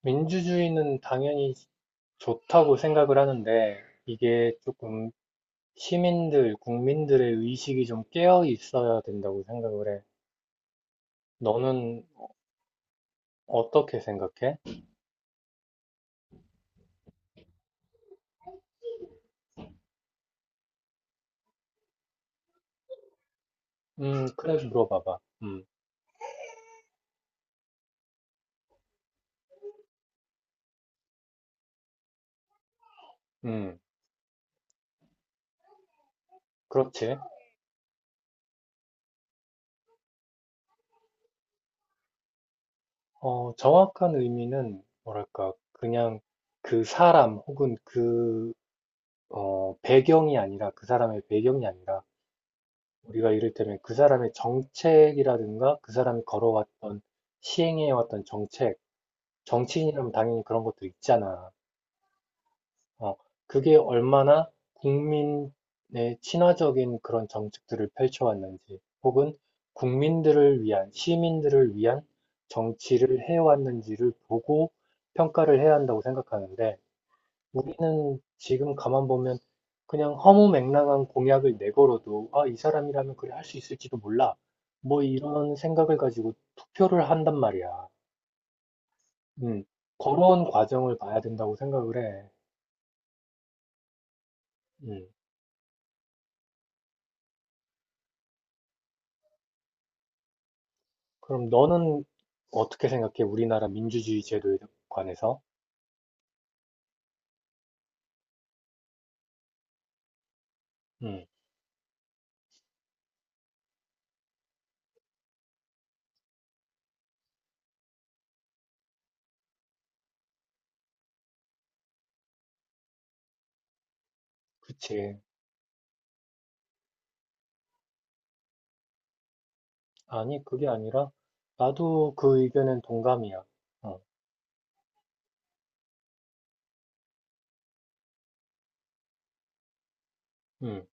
민주주의는 당연히 좋다고 생각을 하는데 이게 조금 시민들, 국민들의 의식이 좀 깨어 있어야 된다고 생각을 해. 너는 어떻게 생각해? 그래, 물어봐봐. 음, 그렇지. 어, 정확한 의미는 뭐랄까, 그냥 그 사람 혹은 그, 어, 배경이 아니라, 그 사람의 배경이 아니라, 우리가 이를테면 그 사람의 정책이라든가, 그 사람이 걸어왔던, 시행해왔던 정책, 정치인이라면 당연히 그런 것도 있잖아. 어, 그게 얼마나 국민의 친화적인 그런 정책들을 펼쳐왔는지, 혹은 국민들을 위한, 시민들을 위한 정치를 해왔는지를 보고 평가를 해야 한다고 생각하는데, 우리는 지금 가만 보면 그냥 허무맹랑한 공약을 내걸어도, 아, 이 사람이라면 그래 할 수 있을지도 몰라. 뭐 이런 생각을 가지고 투표를 한단 말이야. 음. 걸어온 과정을 봐야 된다고 생각을 해. 음. 그럼 너는 어떻게 생각해? 우리나라 민주주의 제도에 관해서? 음, 그치. 아니, 그게 아니라, 나도 그 의견엔 동감이야. 어, 음,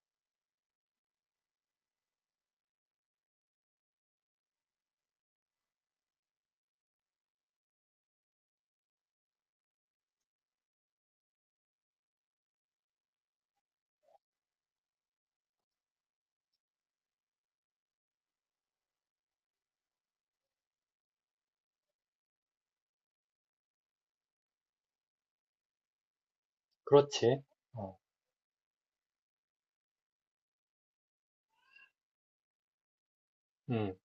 그렇지. 어, 음,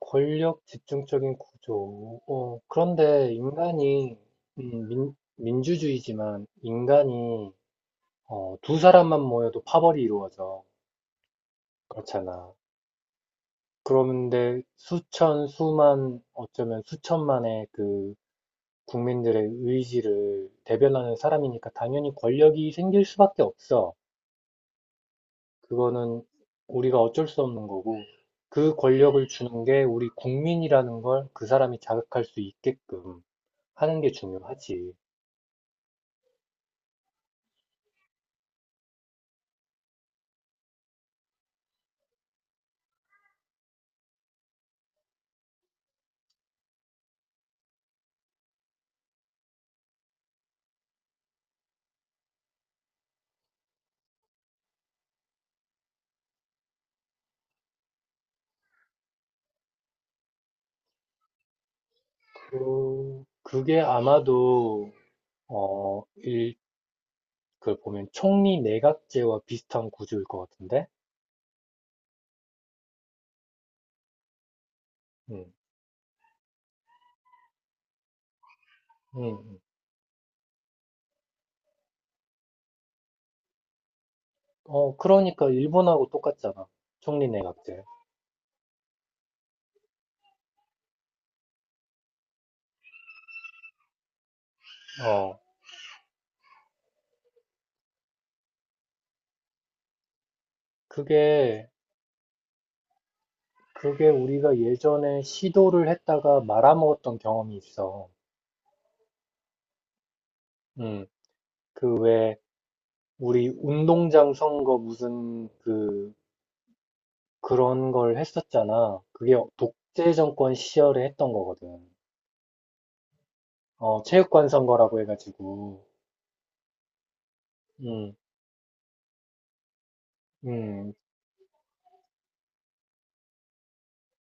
권력 집중적인 구조. 어, 그런데 인간이, 민, 민주주의지만, 인간이, 어, 두 사람만 모여도 파벌이 이루어져. 그렇잖아. 그런데 수천, 수만, 어쩌면 수천만의 그 국민들의 의지를 대변하는 사람이니까 당연히 권력이 생길 수밖에 없어. 그거는 우리가 어쩔 수 없는 거고, 그 권력을 주는 게 우리 국민이라는 걸 그 사람이 자각할 수 있게끔 하는 게 중요하지. 그, 그게 아마도, 어, 일, 그 보면 총리 내각제와 비슷한 구조일 것 같은데? 음, 음, 음. 어, 그러니까 일본하고 똑같잖아. 총리 내각제. 어, 그게 그게 우리가 예전에 시도를 했다가 말아먹었던 경험이 있어. 음, 그 왜 우리 운동장 선거 무슨 그 그런 걸 했었잖아. 그게 독재 정권 시절에 했던 거거든. 어, 체육관 선거라고 해가지고. 음, 음.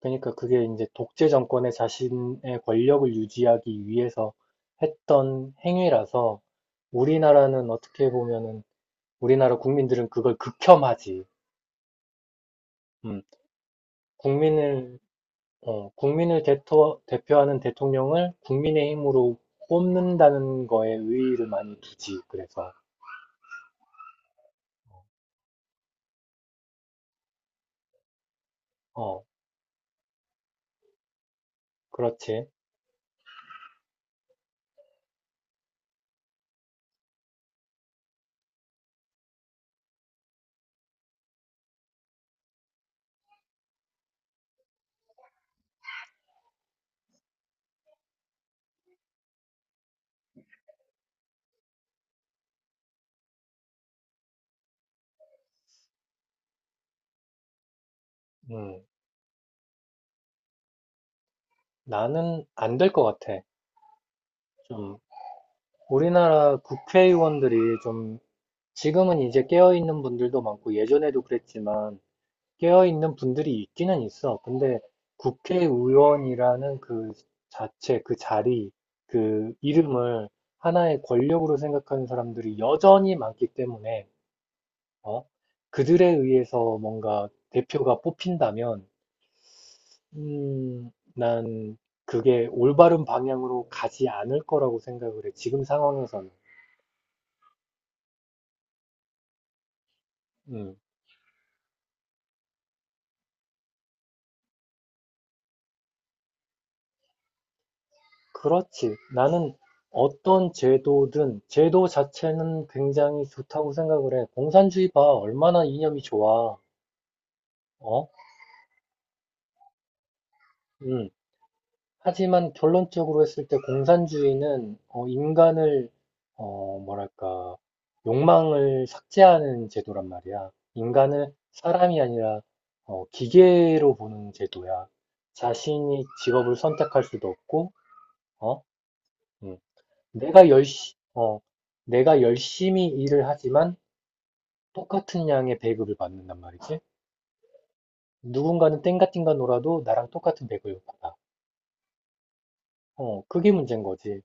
그러니까 그게 이제 독재 정권의 자신의 권력을 유지하기 위해서 했던 행위라서 우리나라는 어떻게 보면은 우리나라 국민들은 그걸 극혐하지. 음. 국민을, 어, 국민을 대토, 대표하는 대통령을 국민의힘으로 뽑는다는 거에 의의를 많이 두지. 그래서, 어, 그렇지. 음, 나는 안 될 것 같아. 좀, 우리나라 국회의원들이 좀, 지금은 이제 깨어있는 분들도 많고, 예전에도 그랬지만, 깨어있는 분들이 있기는 있어. 근데 국회의원이라는 그 자체, 그 자리, 그 이름을 하나의 권력으로 생각하는 사람들이 여전히 많기 때문에, 어? 그들에 의해서 뭔가 대표가 뽑힌다면, 음, 난 그게 올바른 방향으로 가지 않을 거라고 생각을 해. 지금 상황에서는. 음. 그렇지. 나는 어떤 제도든 제도 자체는 굉장히 좋다고 생각을 해. 공산주의 봐. 얼마나 이념이 좋아. 어? 음. 하지만 결론적으로 했을 때 공산주의는 어, 인간을 어, 뭐랄까 욕망을 삭제하는 제도란 말이야. 인간을 사람이 아니라 어, 기계로 보는 제도야. 자신이 직업을 선택할 수도 없고, 어? 음. 어, 내가 열심히 일을 하지만 똑같은 양의 배급을 받는단 말이지. 누군가는 땡가띵가 놀아도 나랑 똑같은 배급을 받아. 어, 그게 문제인 거지.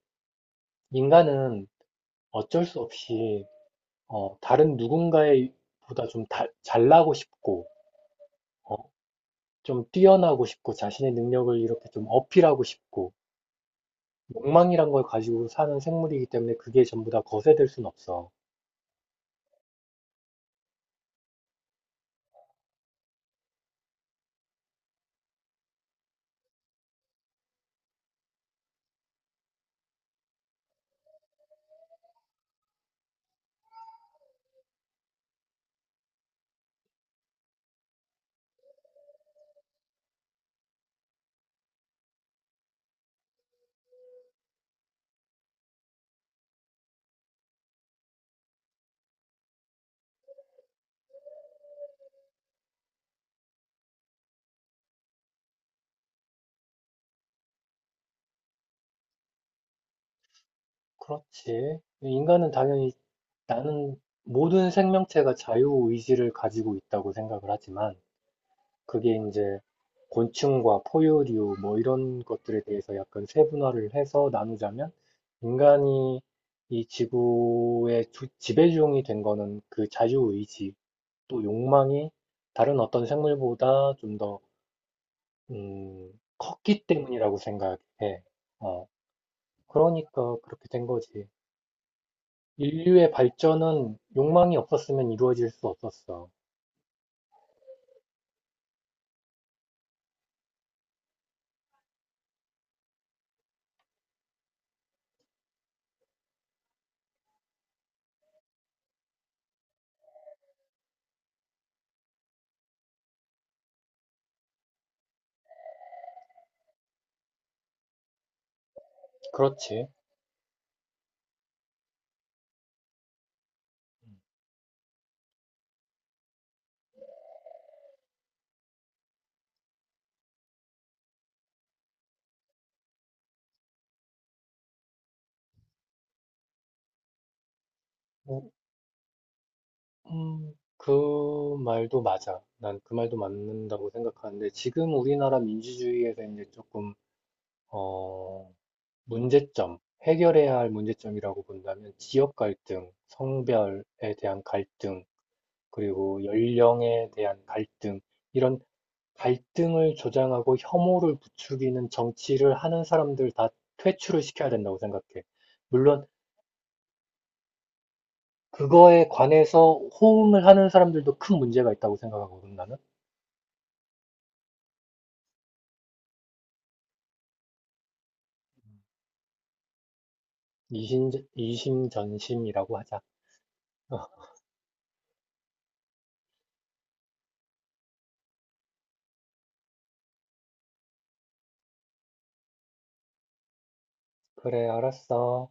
인간은 어쩔 수 없이, 어, 다른 누군가의 보다 잘나고 싶고, 어, 좀 뛰어나고 싶고, 자신의 능력을 이렇게 좀 어필하고 싶고, 욕망이란 걸 가지고 사는 생물이기 때문에 그게 전부 다 거세될 순 없어. 그렇지. 인간은 당연히 나는 모든 생명체가 자유의지를 가지고 있다고 생각을 하지만 그게 이제 곤충과 포유류 뭐 이런 것들에 대해서 약간 세분화를 해서 나누자면 인간이 이 지구의 지배종이 된 거는 그 자유의지 또 욕망이 다른 어떤 생물보다 좀 더, 음, 컸기 때문이라고 생각해. 어, 그러니까 그렇게 된 거지. 인류의 발전은 욕망이 없었으면 이루어질 수 없었어. 그렇지. 어, 그 말도 맞아. 난 그 말도 맞는다고 생각하는데, 지금 우리나라 민주주의에서 이제 조금, 어, 문제점, 해결해야 할 문제점이라고 본다면, 지역 갈등, 성별에 대한 갈등, 그리고 연령에 대한 갈등, 이런 갈등을 조장하고 혐오를 부추기는 정치를 하는 사람들 다 퇴출을 시켜야 된다고 생각해. 물론 그거에 관해서 호응을 하는 사람들도 큰 문제가 있다고 생각하거든, 나는. 이심, 이심전심이라고 하자. 어, 그래, 알았어.